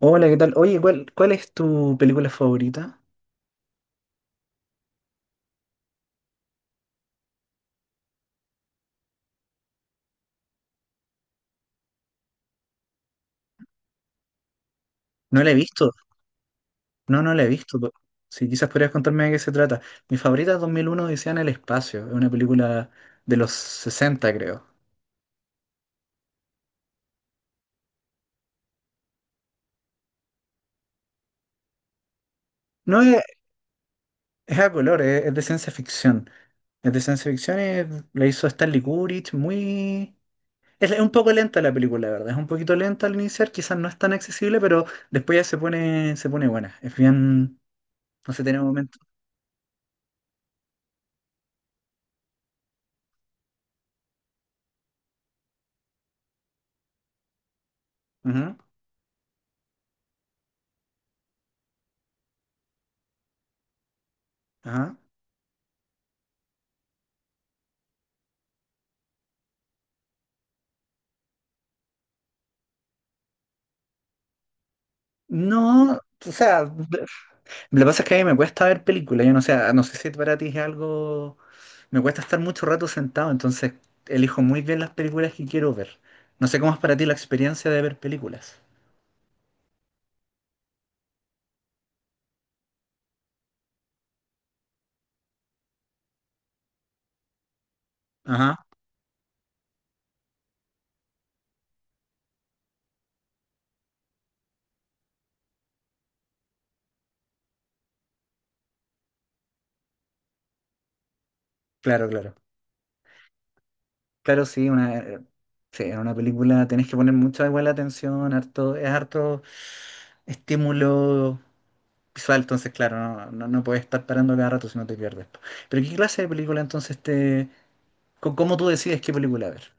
Hola, ¿qué tal? Oye, ¿cuál es tu película favorita? No la he visto. No, no la he visto. Sí, quizás podrías contarme de qué se trata. Mi favorita es 2001 Odisea en el espacio. Es una película de los 60, creo. No es, es a color, es de ciencia ficción. Es de ciencia ficción, la hizo Stanley Kubrick, muy... Es un poco lenta la película, la verdad. Es un poquito lenta al iniciar, quizás no es tan accesible, pero después ya se pone buena. Es bien... No sé, tiene momentos. Ujú. Ajá. No, o sea, lo que pasa es que a mí me cuesta ver películas. Yo no sé si para ti es algo. Me cuesta estar mucho rato sentado, entonces elijo muy bien las películas que quiero ver. No sé cómo es para ti la experiencia de ver películas. Ajá, claro, claro. Claro, sí, sí, en una película tenés que poner mucha igual atención, harto, es harto estímulo visual, entonces claro, no, no, no puedes estar parando cada rato si no te pierdes. Pero ¿qué clase de película entonces cómo tú decides qué película ver?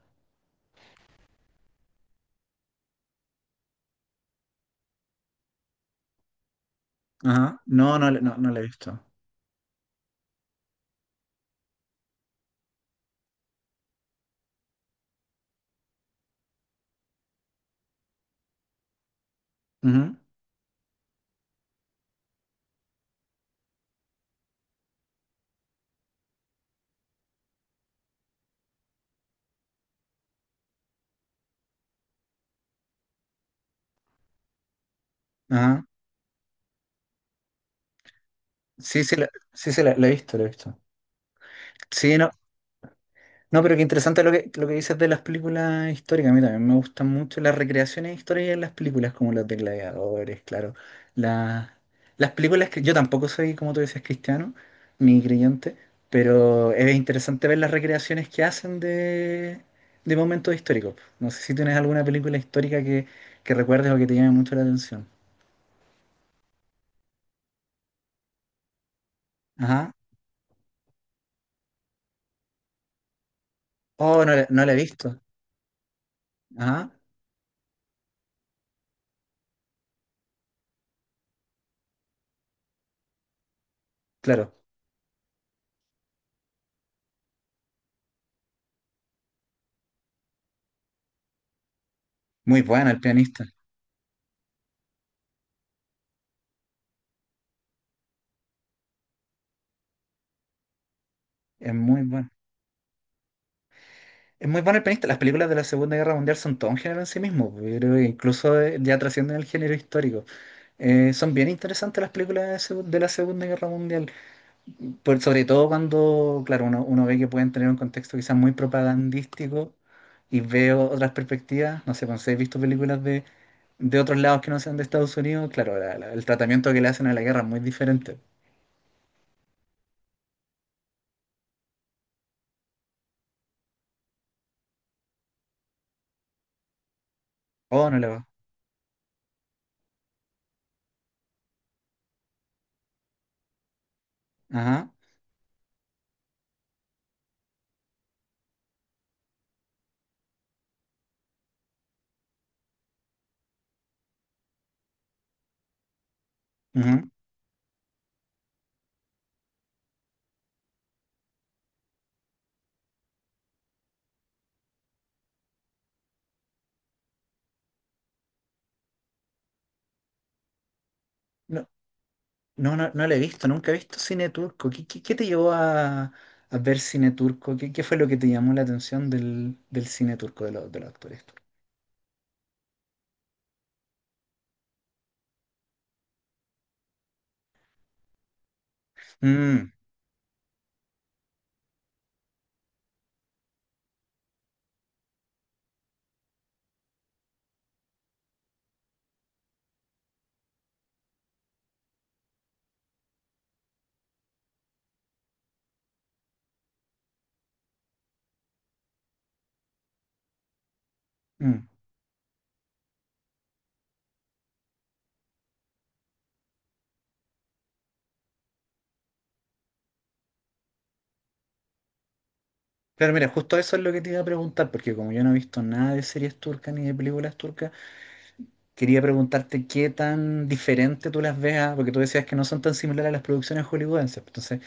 Ajá. No, no, no, no la he visto. Ujú. Ah, sí, sí, sí, sí, la he visto, la he visto. Sí, no, no, pero qué interesante lo que dices de las películas históricas. A mí también me gustan mucho las recreaciones históricas en las películas, como las de Gladiadores, claro. Las, las películas que yo tampoco soy, como tú dices, cristiano, ni creyente, pero es interesante ver las recreaciones que hacen de momentos históricos. No sé si tienes alguna película histórica que recuerdes o que te llame mucho la atención. Ajá. Oh, no, no la he visto. Ajá. Claro. Muy buena el pianista. Es muy bueno. Es muy bueno el pianista. Las películas de la Segunda Guerra Mundial son todo un género en sí mismo. Pues, yo creo que incluso ya trascienden el género histórico. Son bien interesantes las películas de la Segunda Guerra Mundial. Sobre todo cuando, claro, uno ve que pueden tener un contexto quizás muy propagandístico y veo otras perspectivas. No sé, cuando he visto películas de otros lados que no sean de Estados Unidos, claro, el tratamiento que le hacen a la guerra es muy diferente. Oh, no le va. Ajá. Ujú. No, no, no lo he visto, nunca he visto cine turco. ¿Qué te llevó a ver cine turco? ¿Qué fue lo que te llamó la atención del cine turco, de los actores turcos? Mm, mm. Claro, mira, justo eso es lo que te iba a preguntar, porque como yo no he visto nada de series turcas ni de películas turcas, quería preguntarte qué tan diferente tú las veas, porque tú decías que no son tan similares a las producciones hollywoodenses. Entonces,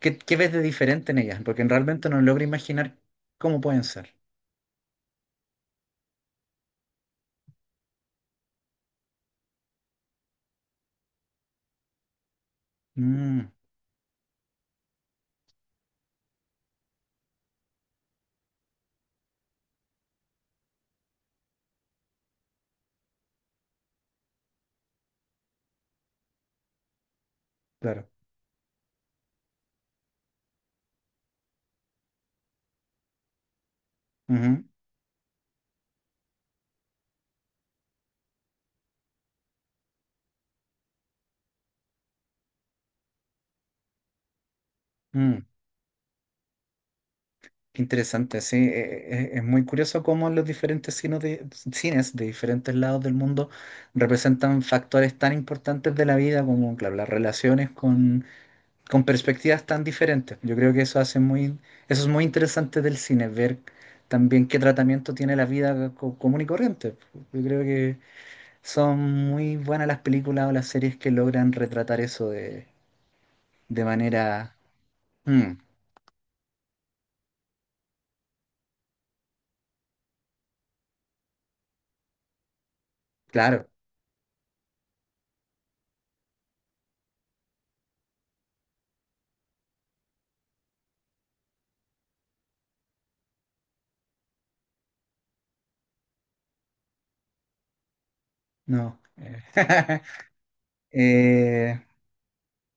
¿qué ves de diferente en ellas? Porque realmente no logro imaginar cómo pueden ser. Mm, claro. Ujú, mm. Qué interesante, sí. Es muy curioso cómo los diferentes cines de diferentes lados del mundo representan factores tan importantes de la vida como, claro, las relaciones con perspectivas tan diferentes. Yo creo que eso hace muy, eso es muy interesante del cine, ver también qué tratamiento tiene la vida común y corriente. Yo creo que son muy buenas las películas o las series que logran retratar eso de manera... Mm, claro, no. eh, Eh,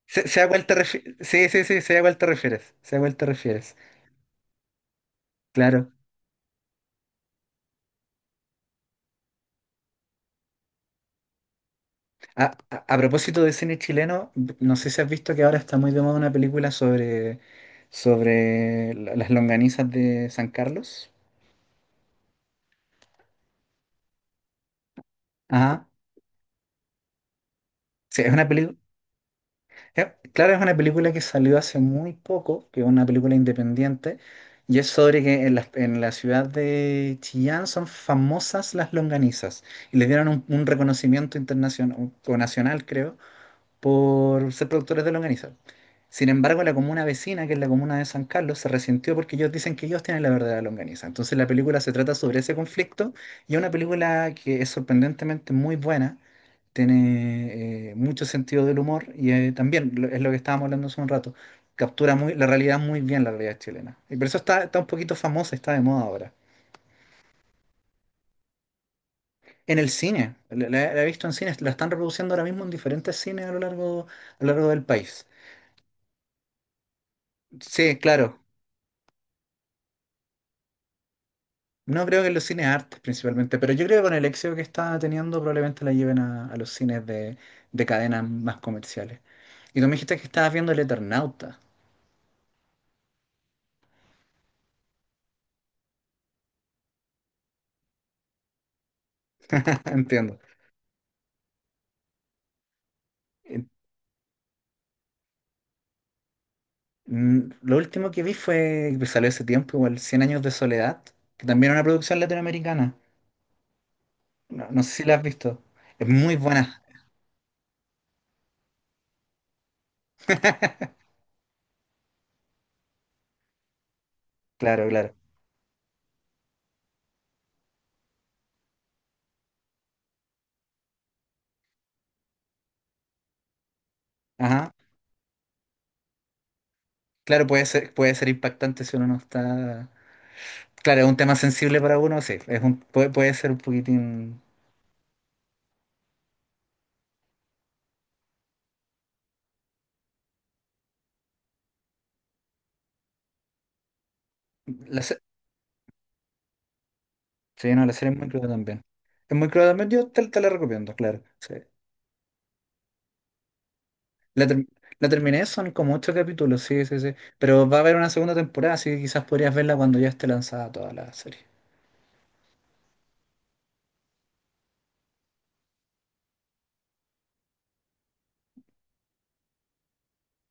sé a cuál te refieres. Sí, sí, sí, sé a cuál te refieres. Sé a cuál te refieres. Claro. A, a propósito de cine chileno, no sé si has visto que ahora está muy de moda una película sobre las longanizas de San Carlos. Ajá. Sí, es una película. Claro, es una película que salió hace muy poco, que es una película independiente, y es sobre que en la ciudad de Chillán son famosas las longanizas, y les dieron un reconocimiento internacional o nacional, creo, por ser productores de longaniza. Sin embargo, la comuna vecina, que es la comuna de San Carlos, se resintió porque ellos dicen que ellos tienen la verdadera longaniza. Entonces la película se trata sobre ese conflicto y es una película que es sorprendentemente muy buena, tiene mucho sentido del humor y también es lo que estábamos hablando hace un rato, captura la realidad muy bien, la realidad chilena. Y por eso está un poquito famosa, está de moda ahora. En el cine, la he visto en cines, la están reproduciendo ahora mismo en diferentes cines a lo largo del país. Sí, claro. No creo que en los cines artes principalmente, pero yo creo que con el éxito que está teniendo probablemente la lleven a los cines de cadenas más comerciales. Y tú me dijiste que estabas viendo El Eternauta. Entiendo. Eh, Lo último que vi fue, que salió hace tiempo, igual, cien años de soledad, que también es una producción latinoamericana. No, no sé si la has visto. Es muy buena. Claro, claro. Ajá. Claro, puede ser impactante si uno no está. Claro, es un tema sensible para uno, sí. Puede ser un poquitín. La, Sí, no, la serie es muy cruda también. Es muy cruda también, yo te la recomiendo, claro. Sí. La, ter- la terminé, son como ocho capítulos, sí, sí, sí. Pero va a haber una segunda temporada, así que quizás podrías verla cuando ya esté lanzada toda la serie.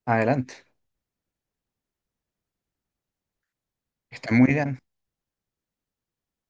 Adelante. Está muy bien.